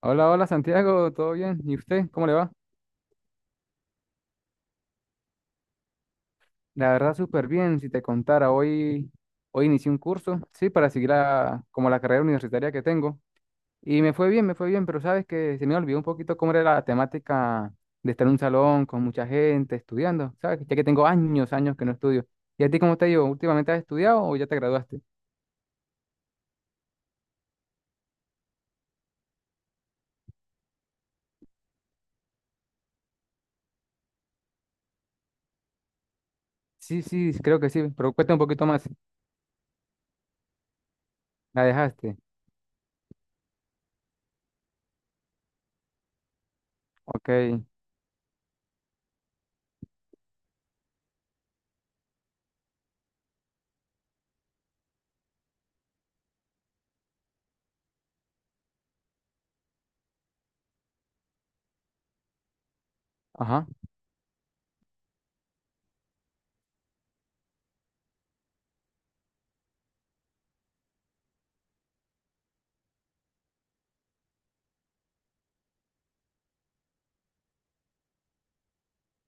Hola, hola Santiago, ¿todo bien? ¿Y usted? ¿Cómo le va? La verdad, súper bien. Si te contara, hoy inicié un curso, sí, para seguir como la carrera universitaria que tengo. Y me fue bien, pero sabes que se me olvidó un poquito cómo era la temática de estar en un salón con mucha gente estudiando, ¿sabes? Ya que tengo años, años que no estudio. ¿Y a ti cómo te ha ido? ¿Últimamente has estudiado o ya te graduaste? Sí, sí, creo que sí, pero cuesta un poquito más. ¿La dejaste? Ok, ajá,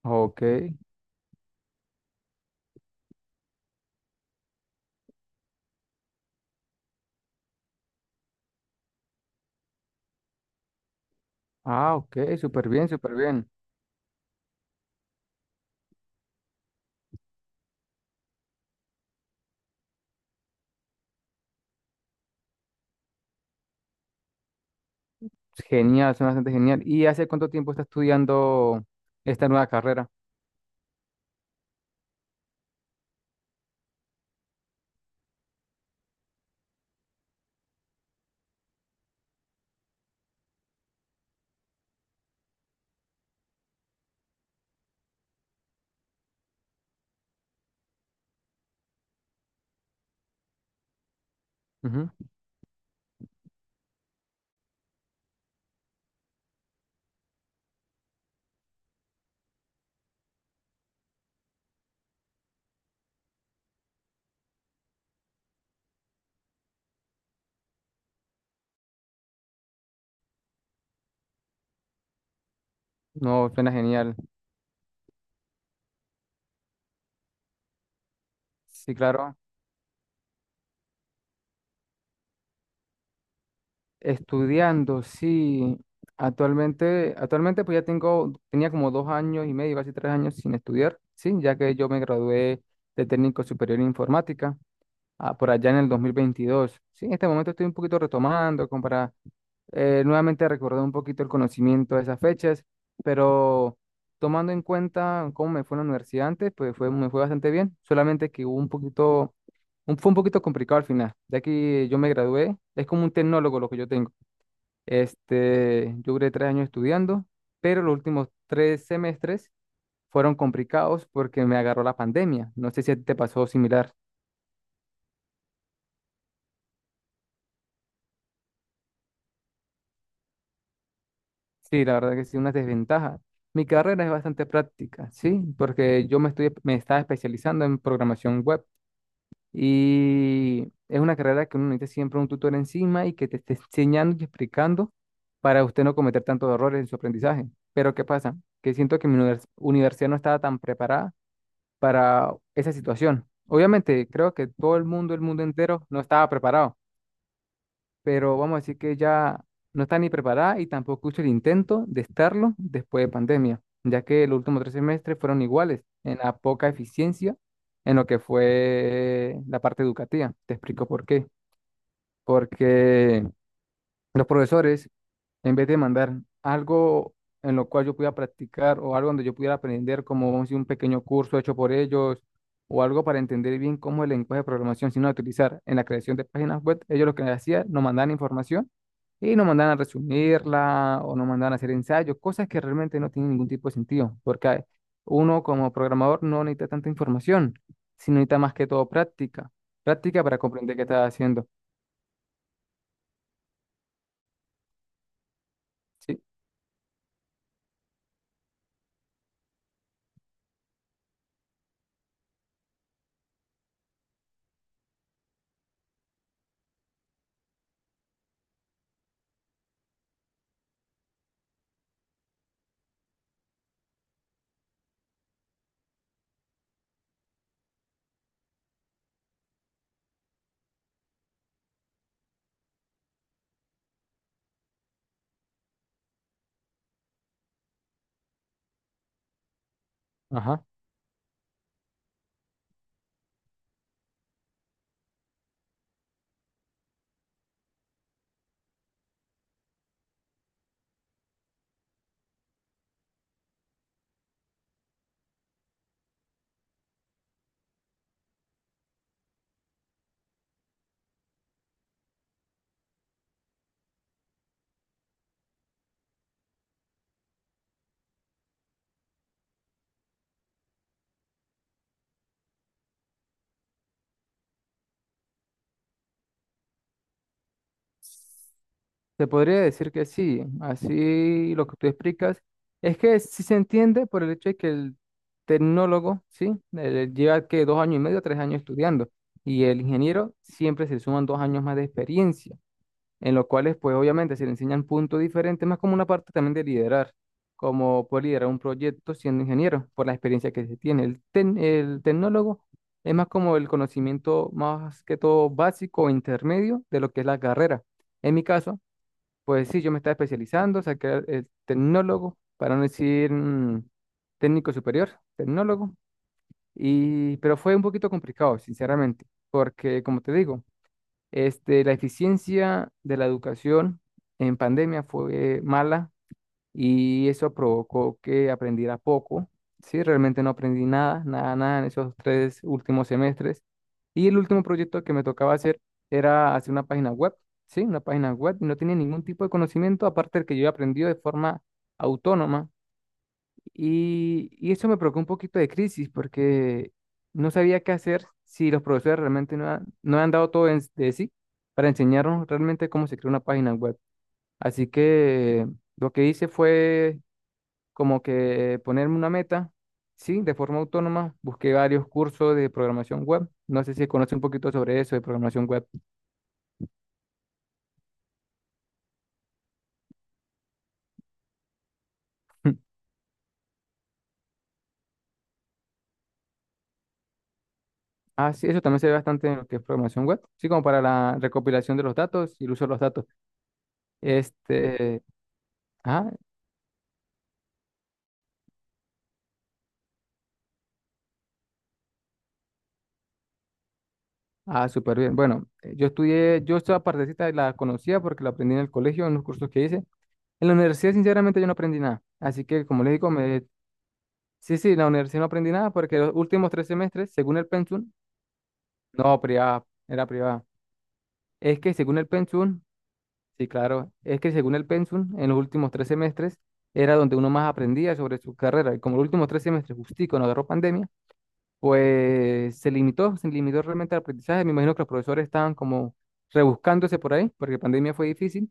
ok. Ah, ok, súper bien, súper bien. Genial, suena bastante genial. ¿Y hace cuánto tiempo está estudiando esta nueva carrera? Ujú. No, suena genial. Sí, claro. Estudiando, sí. Actualmente, actualmente pues ya tengo, tenía como dos años y medio, casi tres años sin estudiar, sí, ya que yo me gradué de técnico superior en informática por allá en el 2022. Sí, en este momento estoy un poquito retomando como para nuevamente recordé un poquito el conocimiento de esas fechas, pero tomando en cuenta cómo me fue en la universidad antes, pues fue, me fue bastante bien, solamente que hubo un poquito, fue un poquito complicado al final, ya que yo me gradué, es como un tecnólogo lo que yo tengo. Este, yo duré tres años estudiando, pero los últimos tres semestres fueron complicados porque me agarró la pandemia. No sé si a ti te pasó similar. Sí, la verdad que sí, una desventaja. Mi carrera es bastante práctica, ¿sí? Porque yo me estaba especializando en programación web y es una carrera que uno necesita siempre un tutor encima y que te esté enseñando y explicando para usted no cometer tantos errores en su aprendizaje. Pero ¿qué pasa? Que siento que mi universidad no estaba tan preparada para esa situación. Obviamente, creo que todo el mundo entero, no estaba preparado, pero vamos a decir que ya no está ni preparada y tampoco hizo el intento de estarlo después de pandemia, ya que los últimos tres semestres fueron iguales en la poca eficiencia en lo que fue la parte educativa. Te explico por qué. Porque los profesores en vez de mandar algo en lo cual yo pudiera practicar o algo donde yo pudiera aprender, como vamos a decir, un pequeño curso hecho por ellos o algo para entender bien cómo el lenguaje de programación sino utilizar en la creación de páginas web, ellos lo que hacían, nos mandaban información y nos mandaban a resumirla o nos mandaban a hacer ensayos, cosas que realmente no tienen ningún tipo de sentido, porque uno como programador no necesita tanta información, sino necesita más que todo práctica, práctica para comprender qué está haciendo. Sí, ajá. Se podría decir que sí, así lo que tú explicas es que sí se entiende por el hecho de que el tecnólogo, sí, lleva que dos años y medio, tres años estudiando, y el ingeniero siempre se suman dos años más de experiencia, en los cuales pues obviamente se le enseñan puntos diferentes, más como una parte también de liderar, como poder liderar un proyecto siendo ingeniero, por la experiencia que se tiene. El, el tecnólogo es más como el conocimiento más que todo básico o intermedio de lo que es la carrera. En mi caso, pues sí, yo me estaba especializando, saqué el tecnólogo, para no decir técnico superior, tecnólogo, pero fue un poquito complicado, sinceramente, porque como te digo, este, la eficiencia de la educación en pandemia fue mala y eso provocó que aprendiera poco. Sí, realmente no aprendí nada, nada, nada en esos tres últimos semestres. Y el último proyecto que me tocaba hacer era hacer una página web, sí, una página web, y no tenía ningún tipo de conocimiento aparte del que yo había aprendido de forma autónoma. Y eso me provocó un poquito de crisis porque no sabía qué hacer si los profesores realmente no han dado todo de sí para enseñarnos realmente cómo se crea una página web. Así que lo que hice fue como que ponerme una meta, sí, de forma autónoma. Busqué varios cursos de programación web. No sé si conoce un poquito sobre eso de programación web. Ah, sí, eso también se ve bastante en lo que es programación web. Sí, como para la recopilación de los datos y el uso de los datos. Este, ah, súper bien. Bueno, yo estudié, yo esta partecita la conocía porque la aprendí en el colegio, en los cursos que hice. En la universidad, sinceramente, yo no aprendí nada. Así que, como les digo, me... sí, sí, en la universidad no aprendí nada porque los últimos tres semestres, según el pensum, no, privada, era privada. Es que según el pensum, sí, claro, es que según el pensum, en los últimos tres semestres era donde uno más aprendía sobre su carrera. Y como los últimos tres semestres, justico, no agarró pandemia, pues se limitó realmente al aprendizaje. Me imagino que los profesores estaban como rebuscándose por ahí, porque pandemia fue difícil,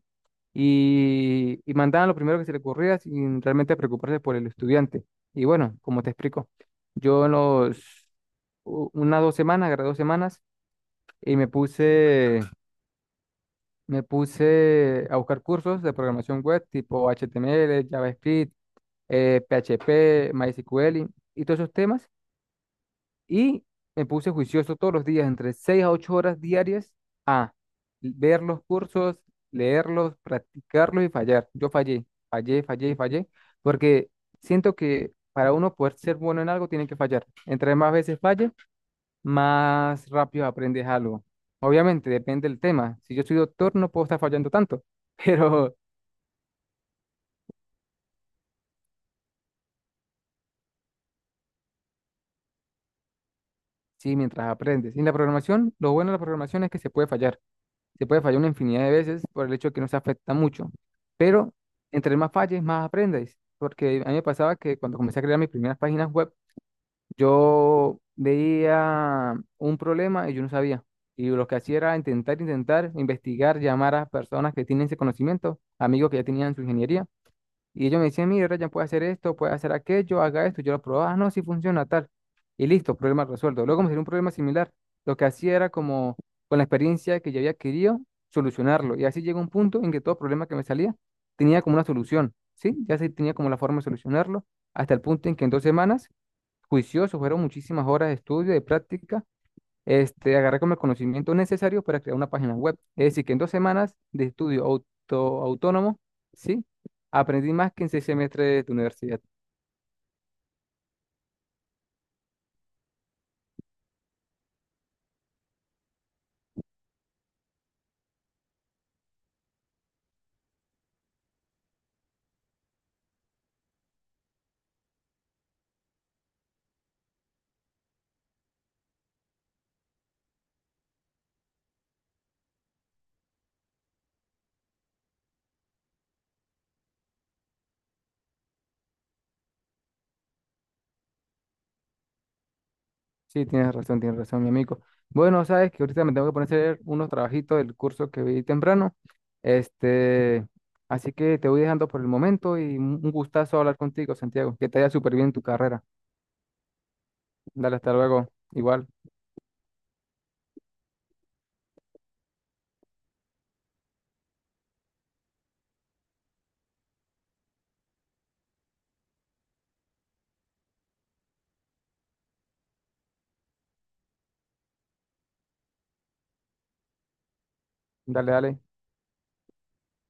y mandaban lo primero que se le ocurría sin realmente preocuparse por el estudiante. Y bueno, como te explico, yo en los, unas dos semanas, agarré dos semanas, y me puse a buscar cursos de programación web tipo HTML, JavaScript, PHP, MySQL y todos esos temas. Y me puse juicioso todos los días, entre 6 a 8 horas diarias, a ver los cursos, leerlos, practicarlos y fallar. Yo fallé, fallé, fallé y fallé, porque siento que para uno poder ser bueno en algo tiene que fallar. Entre más veces falle, más rápido aprendes algo. Obviamente, depende del tema. Si yo soy doctor, no puedo estar fallando tanto, pero sí, mientras aprendes. Y en la programación, lo bueno de la programación es que se puede fallar. Se puede fallar una infinidad de veces por el hecho de que no se afecta mucho. Pero entre más falles, más aprendes. Porque a mí me pasaba que cuando comencé a crear mis primeras páginas web, yo veía un problema y yo no sabía. Y lo que hacía era intentar, intentar, investigar, llamar a personas que tienen ese conocimiento, amigos que ya tenían su ingeniería. Y ellos me decían, mire, Ryan, puede hacer esto, puede hacer aquello, haga esto. Yo lo probaba, ah, no, si funciona tal. Y listo, problema resuelto. Luego me salió un problema similar. Lo que hacía era como, con la experiencia que yo había adquirido, solucionarlo. Y así llegó un punto en que todo problema que me salía tenía como una solución, ¿sí? Ya se tenía como la forma de solucionarlo, hasta el punto en que en dos semanas, juicioso, fueron muchísimas horas de estudio, de práctica, este, agarré como el conocimiento necesario para crear una página web. Es decir, que en dos semanas de estudio autónomo, ¿sí? Aprendí más que en seis semestres de universidad. Sí, tienes razón, mi amigo. Bueno, sabes que ahorita me tengo que poner a hacer unos trabajitos del curso que vi temprano. Este, así que te voy dejando por el momento y un gustazo hablar contigo, Santiago. Que te vaya súper bien en tu carrera. Dale, hasta luego. Igual, dale, dale.